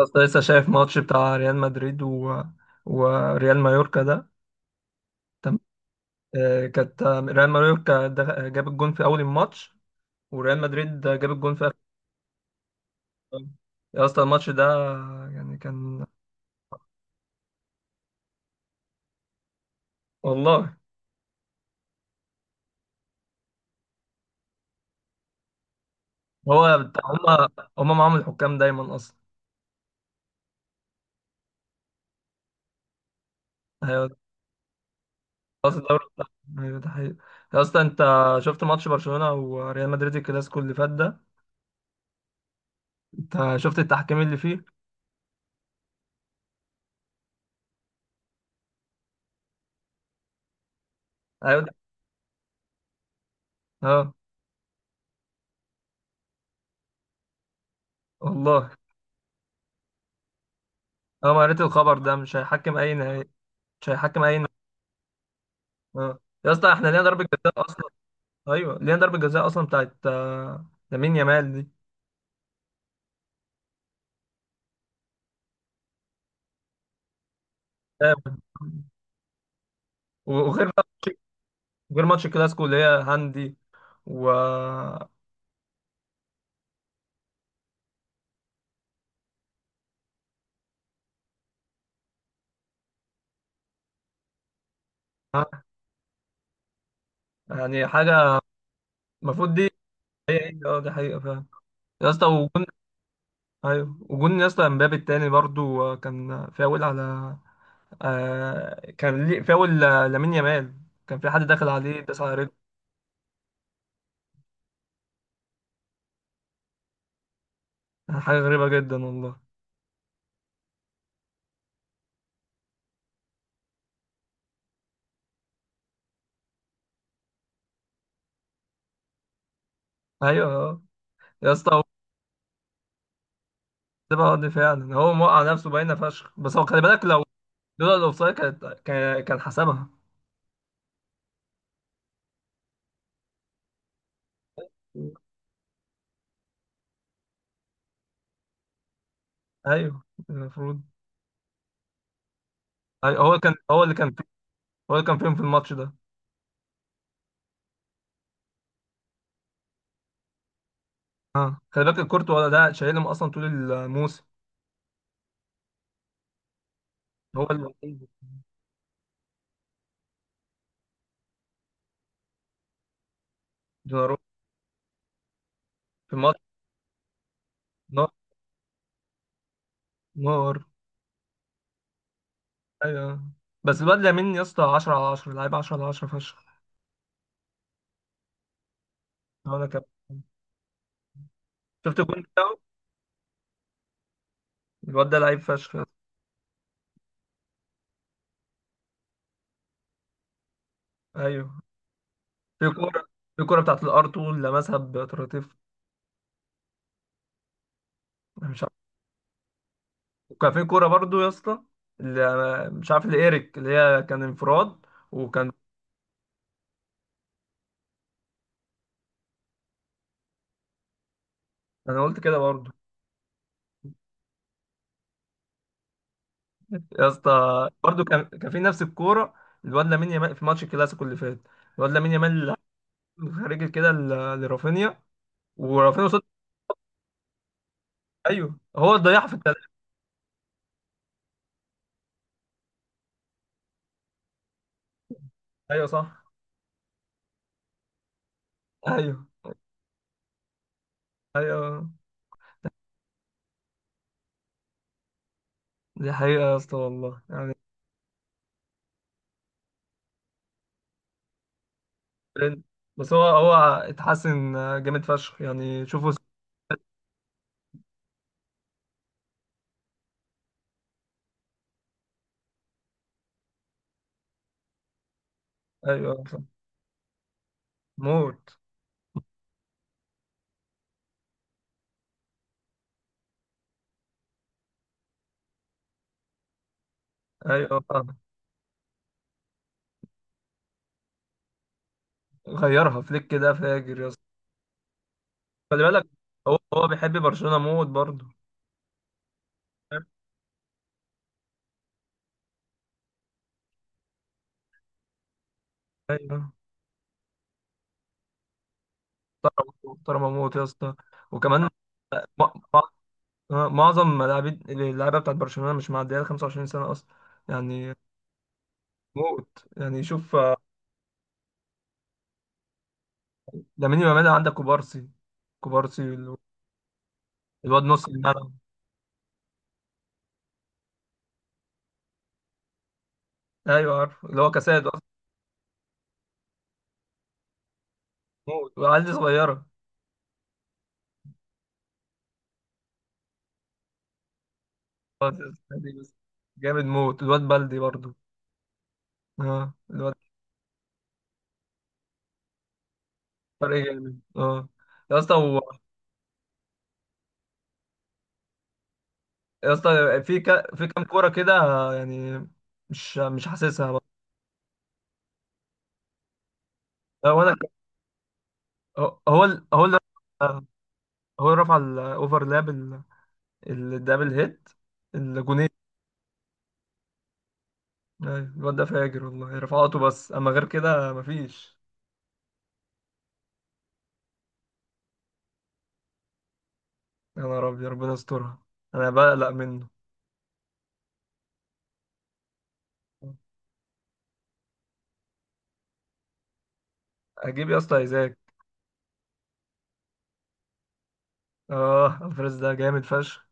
لسه شايف ماتش بتاع ريال مدريد و... وريال مايوركا ده. تم... كانت، ريال مايوركا ده جاب الجون في اول الماتش، وريال مدريد جاب الجون في اخر الماتش. يا اسطى الماتش ده يعني كان. والله، هو بتاع هما. هما معاهم الحكام دايما اصلا. أيوة، خلاص الدوري بتاع-. ايوه ده حقيقي. يا اسطى انت شفت ماتش برشلونة وريال مدريد الكلاسيكو اللي فات ده؟ انت شفت التحكيم اللي فيه؟ ايوه ده-. اه. والله. اه، ما قريت الخبر ده، مش هيحكم اي نهائي. مش هيحكم اي. اه. يا اسطى، احنا لينا ضربة جزاء اصلا. ايوه، لينا ضربة جزاء اصلا بتاعت لامين يامال دي. آه، وغير بقى ماتش-. غير ماتش الكلاسيكو اللي هي هاندي. و. يعني حاجة المفروض دي. هي هي، اه، دي حقيقة فعلا. يا اسطى وجون. ايوه وجون، يا اسطى، امبابي التاني برضو كان فاول على. كان ليه فاول، لامين يامال. كان في حد داخل عليه، داس على رجله. حاجة غريبة جدا والله. ايوه آه. يا اسطى، سيبها ارضي فعلا، هو موقع نفسه باينه فشخ، بس هو خلي بالك لو. لولا الاوفسايد كانت كان حسبها. ايوه المفروض. أيوة، هو كان، هو اللي كان، هو اللي كان فيهم في الماتش ده. اه خلي بالك الكورتوا ده شايلهم اصلا طول الموسم. هو اللي. دوناروما. في الماتش. نار. نار. ايوه، بس الواد لامين، يا اسطى، 10 على 10 لعيب، 10 على 10 فشخ. انا كان. شفت الجون بتاعه؟ الواد ده لعيب فشخ. ايوه. في كوره. في كوره بتاعت الار 2، لمسها بطراطيف. أنا مش. وكان في كوره برضو يا اسطى، اللي مش عارف، لإيريك، اللي هي كان انفراد. وكان. انا قلت كده برضو. يا اسطى برضو كان في نفس الكوره، الواد لامين يامال في ماتش الكلاسيكو اللي فات. الواد لامين يامال خارج كده لرافينيا، ورافينيا صد. ايوه هو اللي ضيعها في التلاته. ايوه صح. ايوه، ايوه، دي حقيقه يا اسطى والله يعني. بس هو هو اتحسن جامد فشخ يعني شوفوا. ايوه صح. موت. ايوه، غيرها فليك كده فاجر يا. خلي بالك، هو هو بيحب برشلونة موت برضه. ايوه. محترم، محترم موت يا اسطى. وكمان مع- معظم لاعبين اللعيبه بتاعت برشلونة مش معديه ال 25 سنة اصلا. يعني موت، يعني شوف، لامين يامال عندك كوبارسي. كوبارسي الواد نص الملعب. ايوه عارف، اللي هو كاساد اصلا. موت، والعيال دي صغيرة. بس جامد موت، الواد بلدي برضه. اه الواد. فرق جامد، اه. يا اسطى. يا اسطى، في في كام كوره كده، يعني مش حاسسها بقى. هو انا، هو هو اللي هو اللي رفع الاوفرلاب، الدبل هيت، الجونين. أيوة، الواد ده فاجر والله رفعاته، بس اما غير كده مفيش. يا نهار ابيض، ربنا يسترها. انا بقلق منه. اجيب يا اسطى ايزاك. اه، الفريز ده جامد فشخ.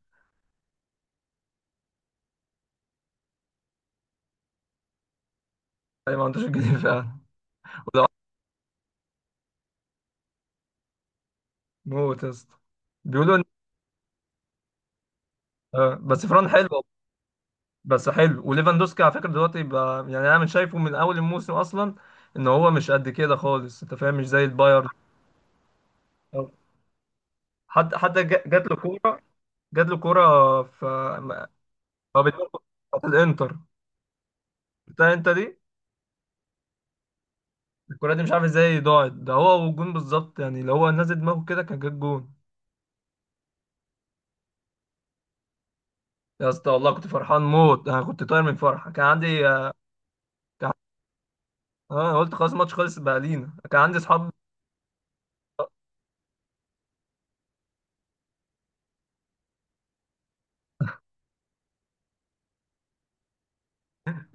أي، ما عندوش جنيه فعلا. وده موت يا اسطى. بيقولوا ان، بس فران حلو. بس حلو، وليفاندوسكي على فكره دلوقتي بقى، يعني انا من شايفه من اول الموسم اصلا ان هو مش قد كده خالص، انت فاهم، مش زي البايرن. حد جات له كوره. جات له كوره في. هو بيدور. بتاعت الانتر. بتاع انت دي. الكوره دي مش عارف ازاي ضاعت، ده هو والجون بالظبط يعني. لو هو نازل دماغه كده كان جاب جون. يا اسطى والله كنت فرحان موت، انا كنت طاير من فرحه. كان عندي، كان... قلت خلاص الماتش خلص بقى لينا. كان عندي اصحاب.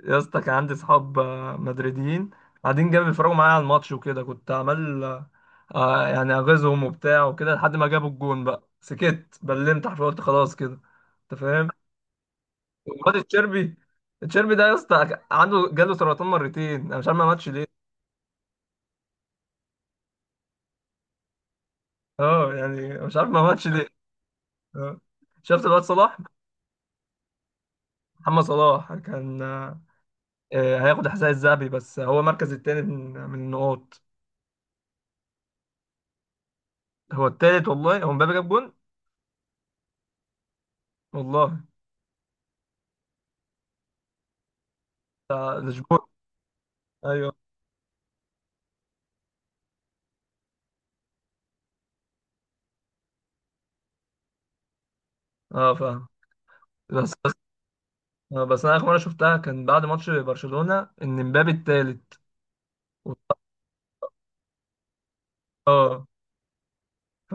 يا اسطى كان عندي صحاب مدريديين قاعدين جنبي بيتفرجوا معايا على الماتش، وكده كنت عمال يعني اغيظهم وبتاع وكده، لحد ما جابوا الجون بقى سكت، بلمت حرفيا، قلت خلاص كده. انت فاهم. وواد الشربي. الشربي ده يا اسطى عنده، جاله سرطان مرتين، انا مش عارف ما ماتش ليه. اه، يعني مش عارف ما ماتش ليه. آه. شفت الواد صلاح؟ محمد صلاح كان هياخد الحذاء الذهبي، بس هو مركز التاني من النقاط. هو التالت والله. هو مبابي جاب جون. والله. ده شبور. ايوه. اه فاهم. بس بس انا اخر مره شفتها كان بعد ماتش برشلونه ان مبابي التالت. و-. اه. ف....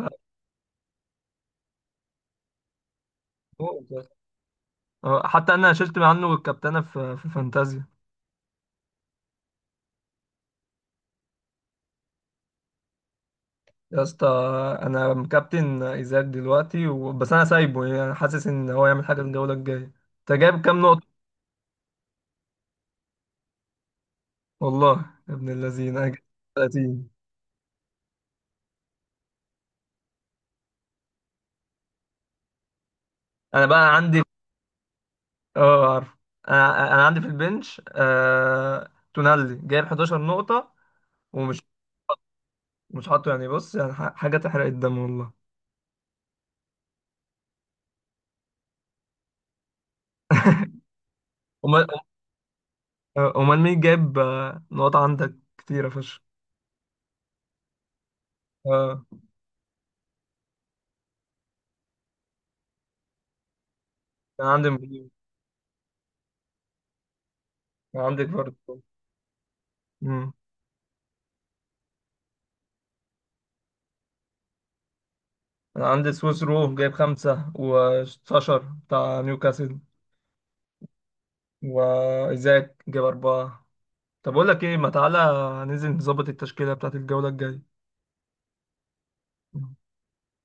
حتى انا شلت عنه الكابتنه في فانتازيا. يا اسطى انا مكابتن ايزاك دلوقتي و.... بس انا سايبه، يعني انا حاسس ان هو يعمل حاجه الجوله الجايه. انت جايب كام نقطه؟ والله يا ابن الذين انا جايب 30. انا بقى عندي. اه عارف. انا عندي في البنش تونالي جايب 11 نقطه. ومش، مش حاطه، يعني بص يعني حاجة تحرق الدم والله. أمال. أمال مين جايب نقط عندك كتيرة فشخ؟ اه، كان عندي مبليو. كان عندك برضه. أمم. أنا عندي سويس رو جايب 5 وساشر بتاع نيوكاسل، وإيزاك جايب 4. طب أقول لك إيه، ما تعالى ننزل نظبط التشكيلة بتاعت الجولة الجاية.